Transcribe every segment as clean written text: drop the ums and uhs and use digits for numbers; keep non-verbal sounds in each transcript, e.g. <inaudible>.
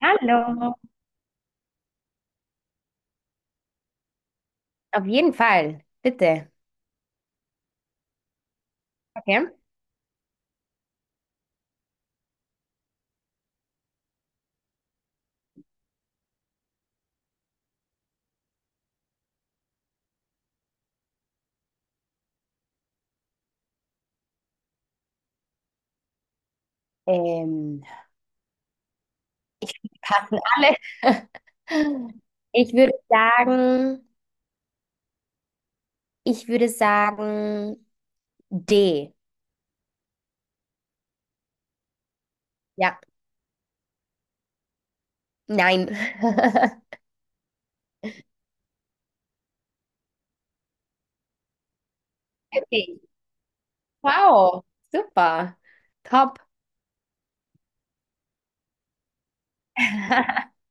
Hallo. Auf jeden Fall, bitte. Okay. Ähm, passen alle. <laughs> Ich würde sagen, ich würde sagen D. Ja, nein. <laughs> Okay. Wow, super. Top. <laughs>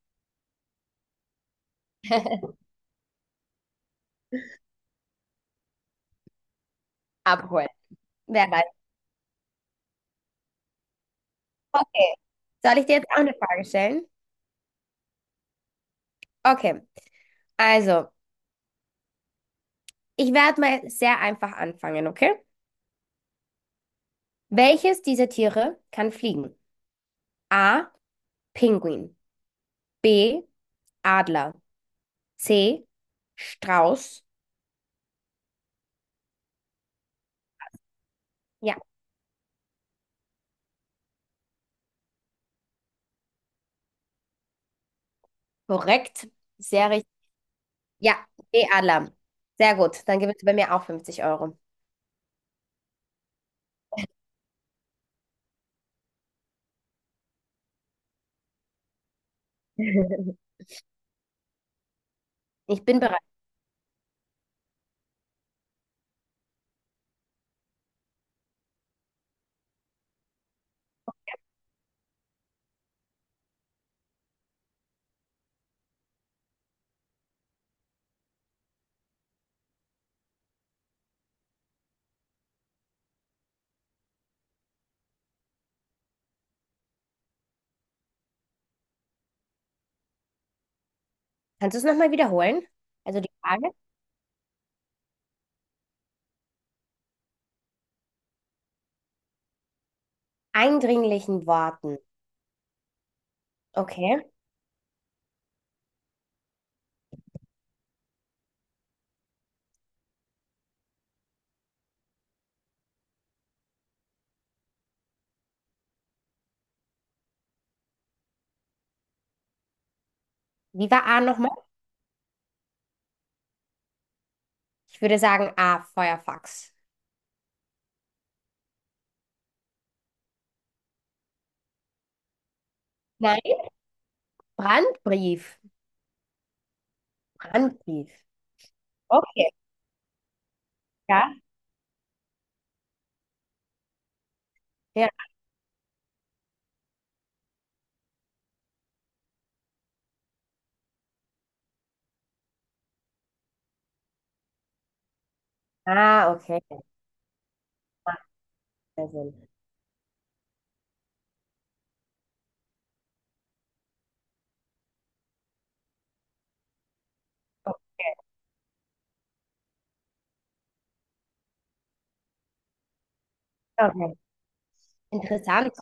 Abholen. Wer weiß. Okay. Soll ich dir jetzt auch eine Frage stellen? Okay. Also, ich werde mal sehr einfach anfangen, okay? Welches dieser Tiere kann fliegen? A. Pinguin. B. Adler. C. Strauß. Ja, korrekt, sehr richtig. Ja, B. Adler. Sehr gut. Dann gibt es bei mir auch 50 Euro. <laughs> Ich bin bereit. Kannst du es nochmal wiederholen? Also die Frage. Eindringlichen Worten. Okay. Wie war A nochmal? Ich würde sagen A. Feuerfax. Nein. Brandbrief. Brandbrief. Okay. Ja. Ja. Ah, okay. Macht mehr Sinn. Okay. Okay. Interessant.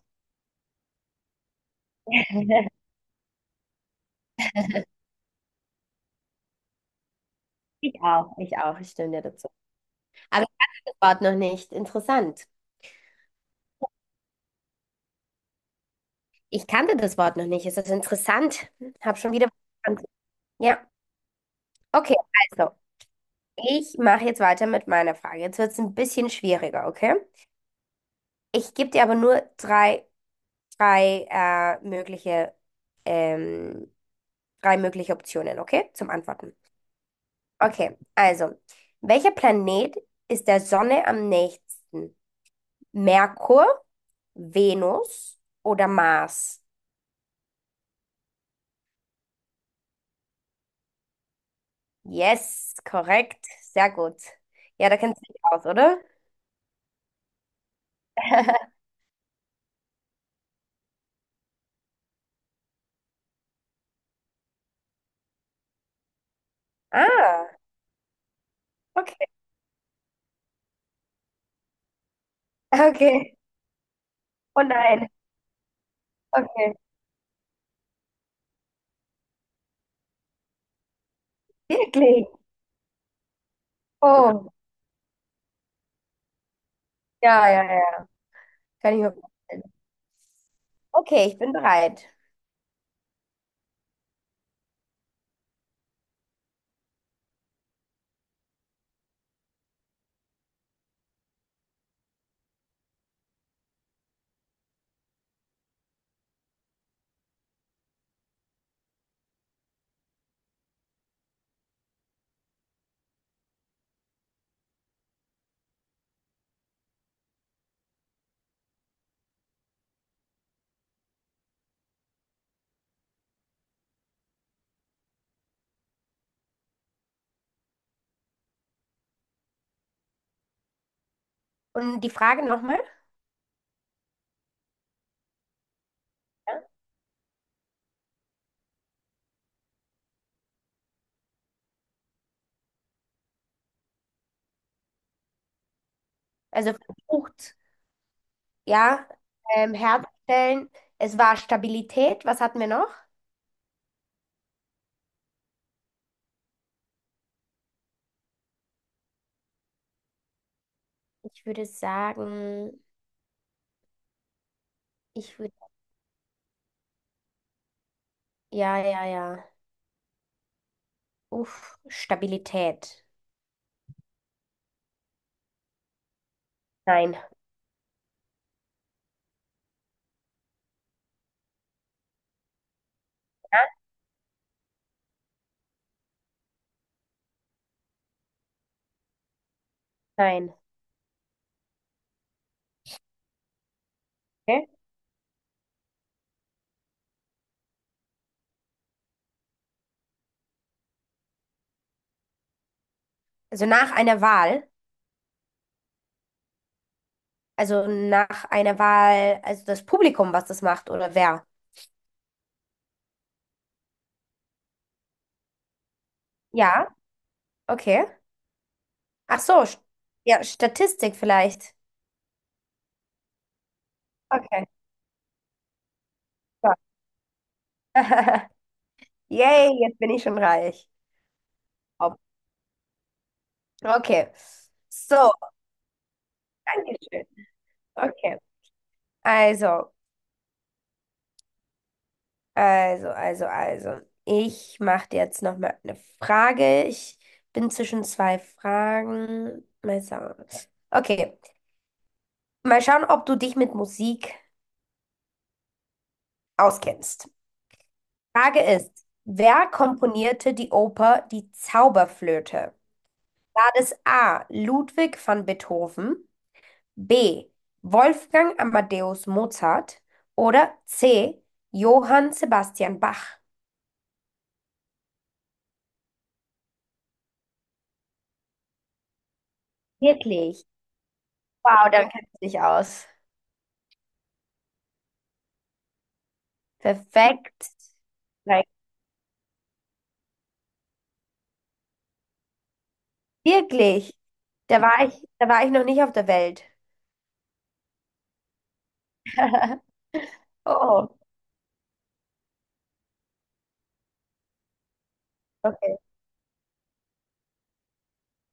<laughs> Ich auch. Ich auch. Ich stimme dir dazu. Aber Wort noch nicht. Interessant. Ich kannte das Wort noch nicht. Ist das interessant? Hab schon wieder was gelernt. Ja, okay, also. Ich mache jetzt weiter mit meiner Frage. Jetzt wird es ein bisschen schwieriger, okay? Ich gebe dir aber nur drei, drei mögliche, ähm, drei mögliche Optionen, okay? Zum Antworten. Okay, also, welcher Planet ist der Sonne am nächsten? Merkur, Venus oder Mars? Yes, korrekt. Sehr gut. Ja, da kennst du dich aus, oder? <laughs> Ah, okay. Okay. Oh nein. Okay. Wirklich? Oh. Ja, ja, ja. Kann ich mir vorstellen. Okay, ich bin bereit. Und die Frage nochmal? Also versucht, ja, herzustellen. Es war Stabilität. Was hatten wir noch? Ich würde sagen, ich würde, ja, ja, ja. Uff, Stabilität. Nein. Ja? Nein. Okay. Also nach einer Wahl. Also nach einer Wahl, also das Publikum, was das macht oder wer? Ja, okay. Ach so, st- ja, Statistik vielleicht. Okay. Ja. <laughs> Yay, jetzt bin ich schon reich. Hopp. Okay. So, Dankeschön. Okay. Also, also. Ich mache dir jetzt noch mal eine Frage. Ich bin zwischen zwei Fragen. Mal schauen. Okay. Mal schauen, ob du dich mit Musik auskennst. Frage ist, wer komponierte die Oper Die Zauberflöte? War es A. Ludwig van Beethoven, B. Wolfgang Amadeus Mozart oder C. Johann Sebastian Bach? Wirklich? Wow, dann kennst du dich aus. Perfekt. Nein, wirklich? Da war ich noch nicht auf der Welt. <laughs> Oh, okay.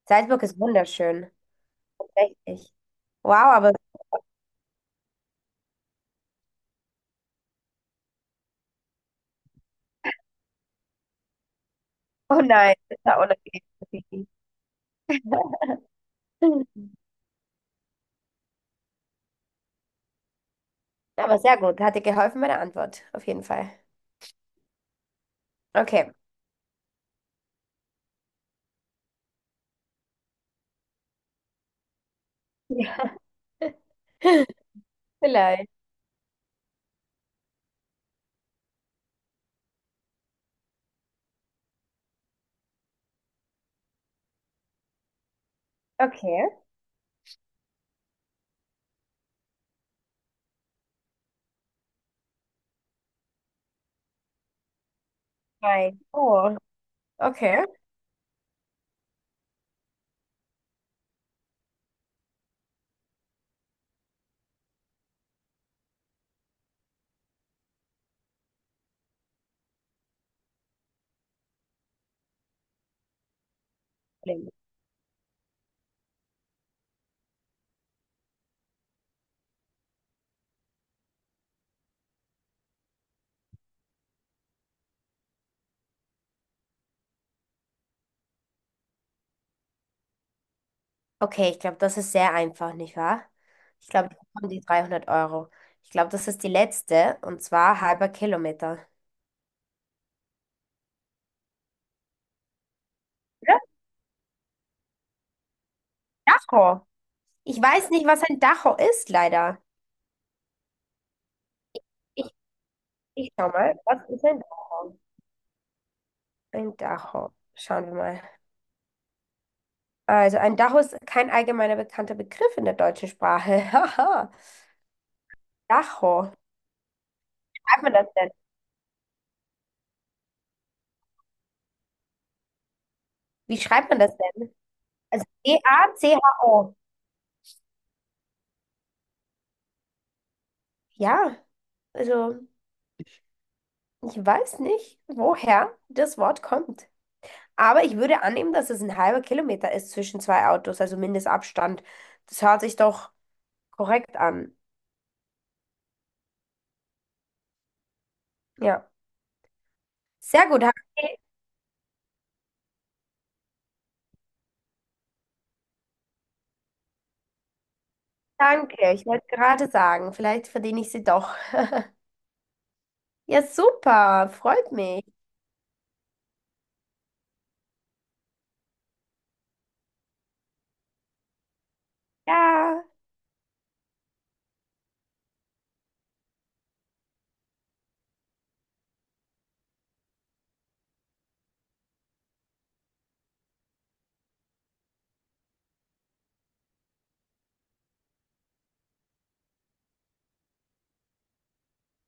Salzburg ist wunderschön. Richtig. Wow, aber oh nein, das war unangenehm. Ja, aber sehr gut, hat dir geholfen meine Antwort, auf jeden Fall. Okay. Ja, <laughs> vielleicht. Okay. Nein. Oh, okay. Okay, ich glaube, das ist sehr einfach, nicht wahr? Ich glaube, ich bekomme die 300 Euro. Ich glaube, das ist die letzte, und zwar halber Kilometer. Ja, Dacho. Ich weiß nicht, was ein Dacho ist, leider. Ich, ich schau mal, was ist ein Dacho? Ein Dacho. Schauen wir mal. Also, ein Dacho ist kein allgemeiner bekannter Begriff in der deutschen Sprache. <laughs> Haha. Dacho. Wie schreibt man das denn? Wie schreibt man das denn? Also DACHO. Ja, also ich weiß nicht, woher das Wort kommt. Aber ich würde annehmen, dass es ein halber Kilometer ist zwischen zwei Autos, also Mindestabstand. Das hört sich doch korrekt an. Ja. Sehr gut, Heidi. Danke. Ich wollte gerade sagen, vielleicht verdiene ich sie doch. Ja, super, freut mich. Ja.